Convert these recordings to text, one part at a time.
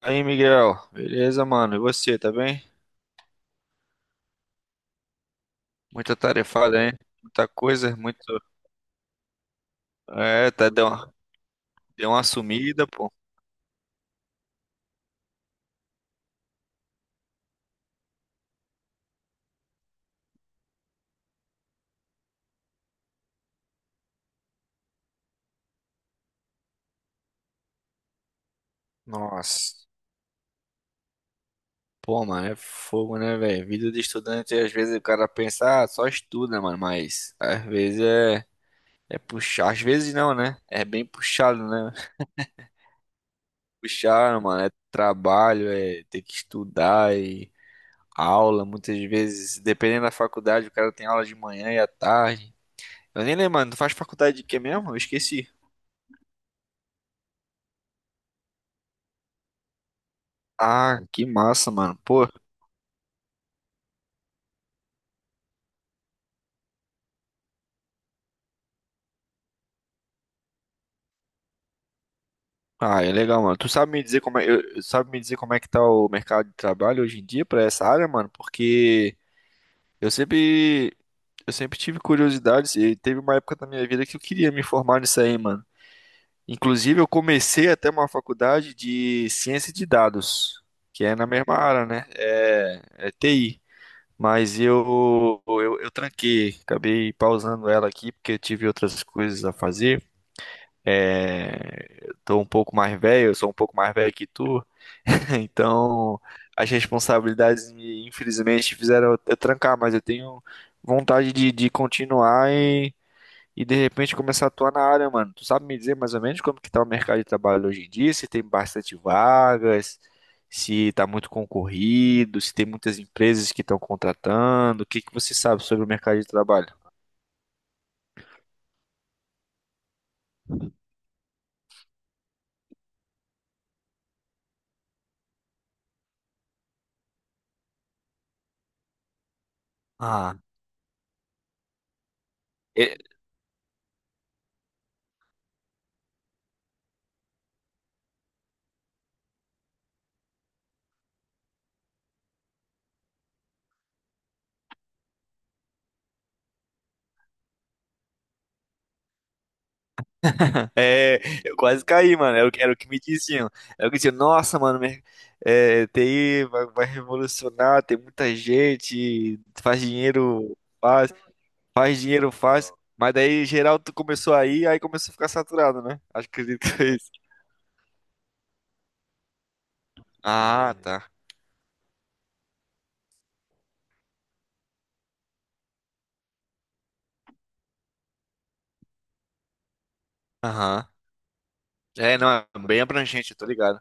Aí, Miguel, beleza, mano? E você, tá bem? Muita tarefada, hein? Muita coisa, muito. É, tá, deu uma sumida, pô. Nossa. Pô, mano, é fogo, né, velho? Vida de estudante, às vezes o cara pensa, ah, só estuda, mano, mas é puxar, às vezes não, né? É bem puxado, né? Puxado, mano, é trabalho, é ter que estudar e aula, muitas vezes, dependendo da faculdade, o cara tem aula de manhã e à tarde. Eu nem lembro, mano, tu faz faculdade de quê mesmo? Eu esqueci. Ah, que massa, mano. Pô, ah, é legal, mano. Tu sabe me dizer como é, sabe me dizer como é que tá o mercado de trabalho hoje em dia pra essa área, mano? Porque eu sempre, eu sempre tive curiosidade e teve uma época da minha vida que eu queria me formar nisso aí, mano. Inclusive, eu comecei até uma faculdade de ciência de dados, que é na mesma área, né? É TI. Mas eu tranquei, acabei pausando ela aqui porque eu tive outras coisas a fazer. É, tô um pouco mais velho, eu sou um pouco mais velho que tu, então as responsabilidades me, infelizmente, fizeram eu trancar, mas eu tenho vontade de continuar e de repente começar a atuar na área, mano. Tu sabe me dizer mais ou menos como que tá o mercado de trabalho hoje em dia, se tem bastante vagas, se tá muito concorrido, se tem muitas empresas que estão contratando, o que que você sabe sobre o mercado de trabalho? Ah, é, eu quase caí, mano. Era o que me diziam. Era o que diziam, nossa, mano, é, TI vai, vai revolucionar, tem muita gente, faz dinheiro fácil, faz dinheiro fácil. Mas daí, geral, tu começou aí, aí começou a ficar saturado, né? Acho que acredito que é isso. Ah, tá. Aham. É, não, é bem abrangente, eu tô ligado.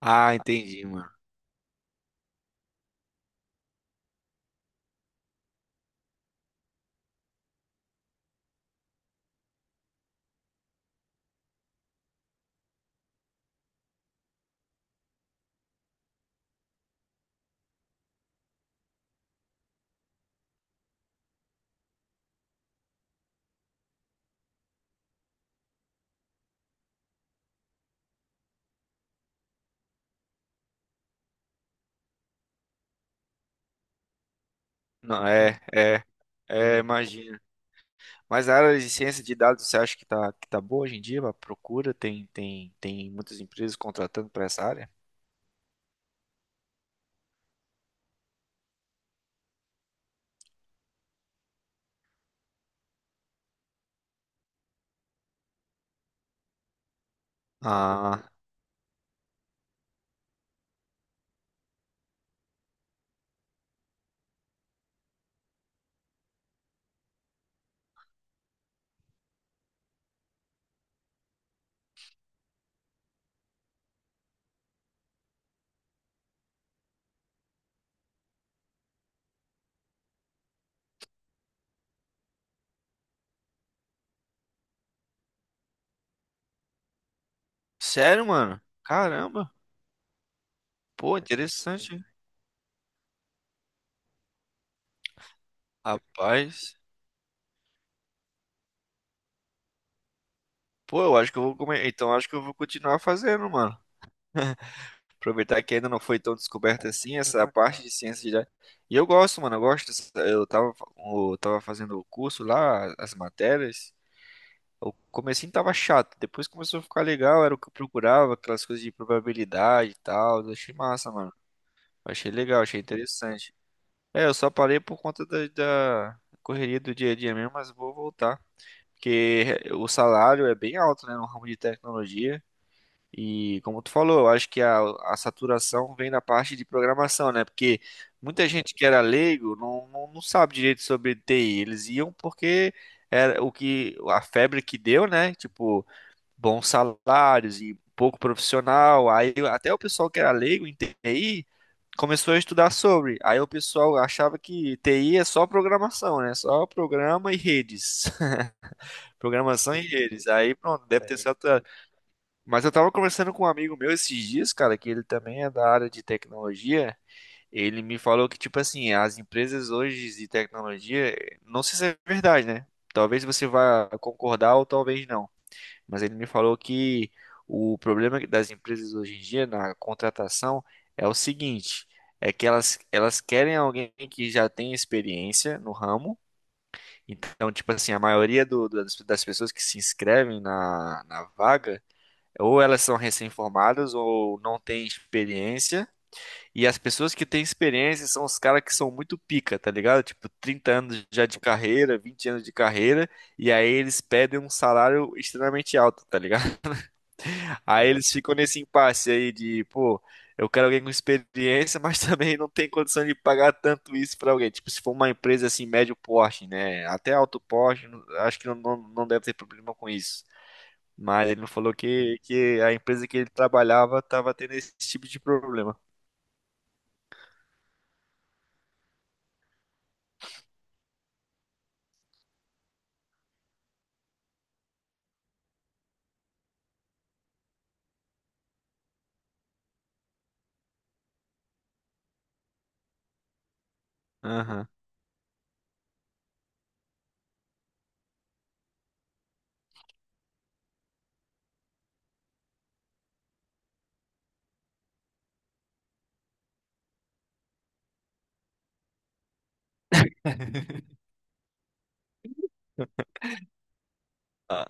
Ah, entendi, mano. Não, é, imagina. Mas a área de ciência de dados, você acha que tá boa hoje em dia? A procura tem, tem, tem muitas empresas contratando para essa área? Ah, sério, mano? Caramba. Pô, interessante, hein? Rapaz. Pô, eu acho que eu vou comer. Então, acho que eu vou continuar fazendo, mano. Aproveitar que ainda não foi tão descoberta assim essa parte de ciência de dados. E eu gosto, mano. Eu gosto eu tava, eu tava fazendo o curso lá, as matérias. O comecinho tava chato, depois começou a ficar legal, era o que eu procurava, aquelas coisas de probabilidade e tal. Eu achei massa, mano. Achei legal, achei interessante. É, eu só parei por conta da correria do dia a dia mesmo, mas vou voltar. Porque o salário é bem alto, né, no ramo de tecnologia. E como tu falou, eu acho que a saturação vem da parte de programação, né? Porque muita gente que era leigo não sabe direito sobre TI. Eles iam porque era o que a febre que deu, né? Tipo, bons salários e pouco profissional. Aí até o pessoal que era leigo em TI começou a estudar sobre. Aí o pessoal achava que TI é só programação, né? Só programa e redes. Programação e redes. Aí pronto, deve ter. É, certa. Mas eu tava conversando com um amigo meu esses dias, cara, que ele também é da área de tecnologia. Ele me falou que, tipo assim, as empresas hoje de tecnologia, não sei se é verdade, né? Talvez você vá concordar ou talvez não. Mas ele me falou que o problema das empresas hoje em dia na contratação é o seguinte, é que elas querem alguém que já tenha experiência no ramo. Então, tipo assim, a maioria das pessoas que se inscrevem na vaga, ou elas são recém-formadas ou não têm experiência. E as pessoas que têm experiência são os caras que são muito pica, tá ligado? Tipo, 30 anos já de carreira, 20 anos de carreira, e aí eles pedem um salário extremamente alto, tá ligado? Aí eles ficam nesse impasse aí de, pô, eu quero alguém com experiência, mas também não tem condição de pagar tanto isso pra alguém. Tipo, se for uma empresa assim, médio porte, né? Até alto porte, acho que não deve ter problema com isso. Mas ele me falou que a empresa que ele trabalhava tava tendo esse tipo de problema. Aham. Ah,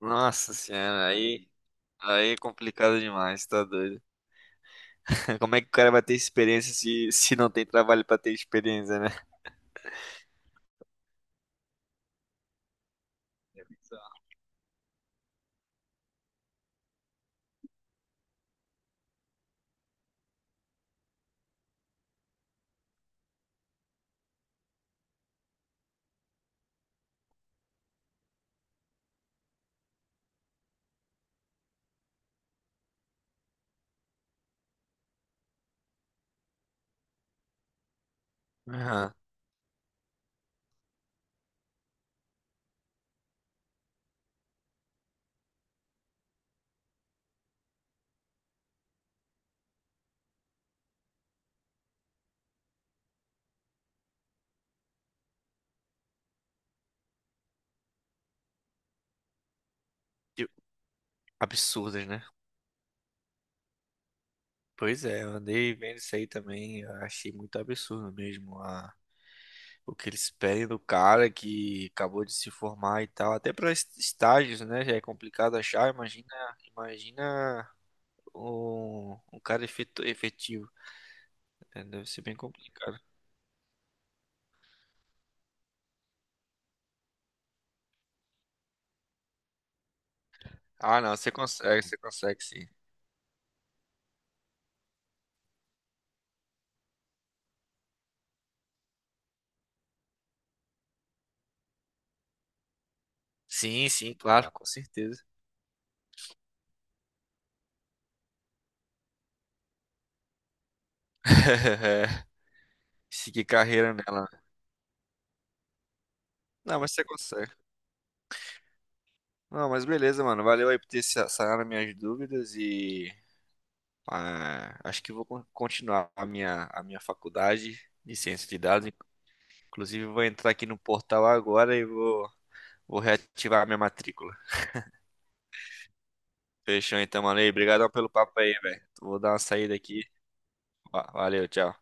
nossa senhora, aí, aí é complicado demais, tá doido. Como é que o cara vai ter experiência se, se não tem trabalho pra ter experiência, né? Aham. Que absurdas, né? Pois é, eu andei vendo isso aí também, eu achei muito absurdo mesmo o que eles pedem do cara que acabou de se formar e tal, até para estágios, né, já é complicado achar, imagina, imagina um cara efetivo, né, deve ser bem complicado. Ah, não, você consegue sim. Sim, sim, claro, com certeza. Seguir carreira nela, né. Não, mas você consegue. Não, mas beleza, mano, valeu aí por ter sanado minhas dúvidas e ah, acho que vou continuar a minha faculdade de ciência de dados. Inclusive, vou entrar aqui no portal agora e vou, vou reativar a minha matrícula. Fechou então, mano. E obrigadão pelo papo aí, velho. Vou dar uma saída aqui. Valeu, tchau.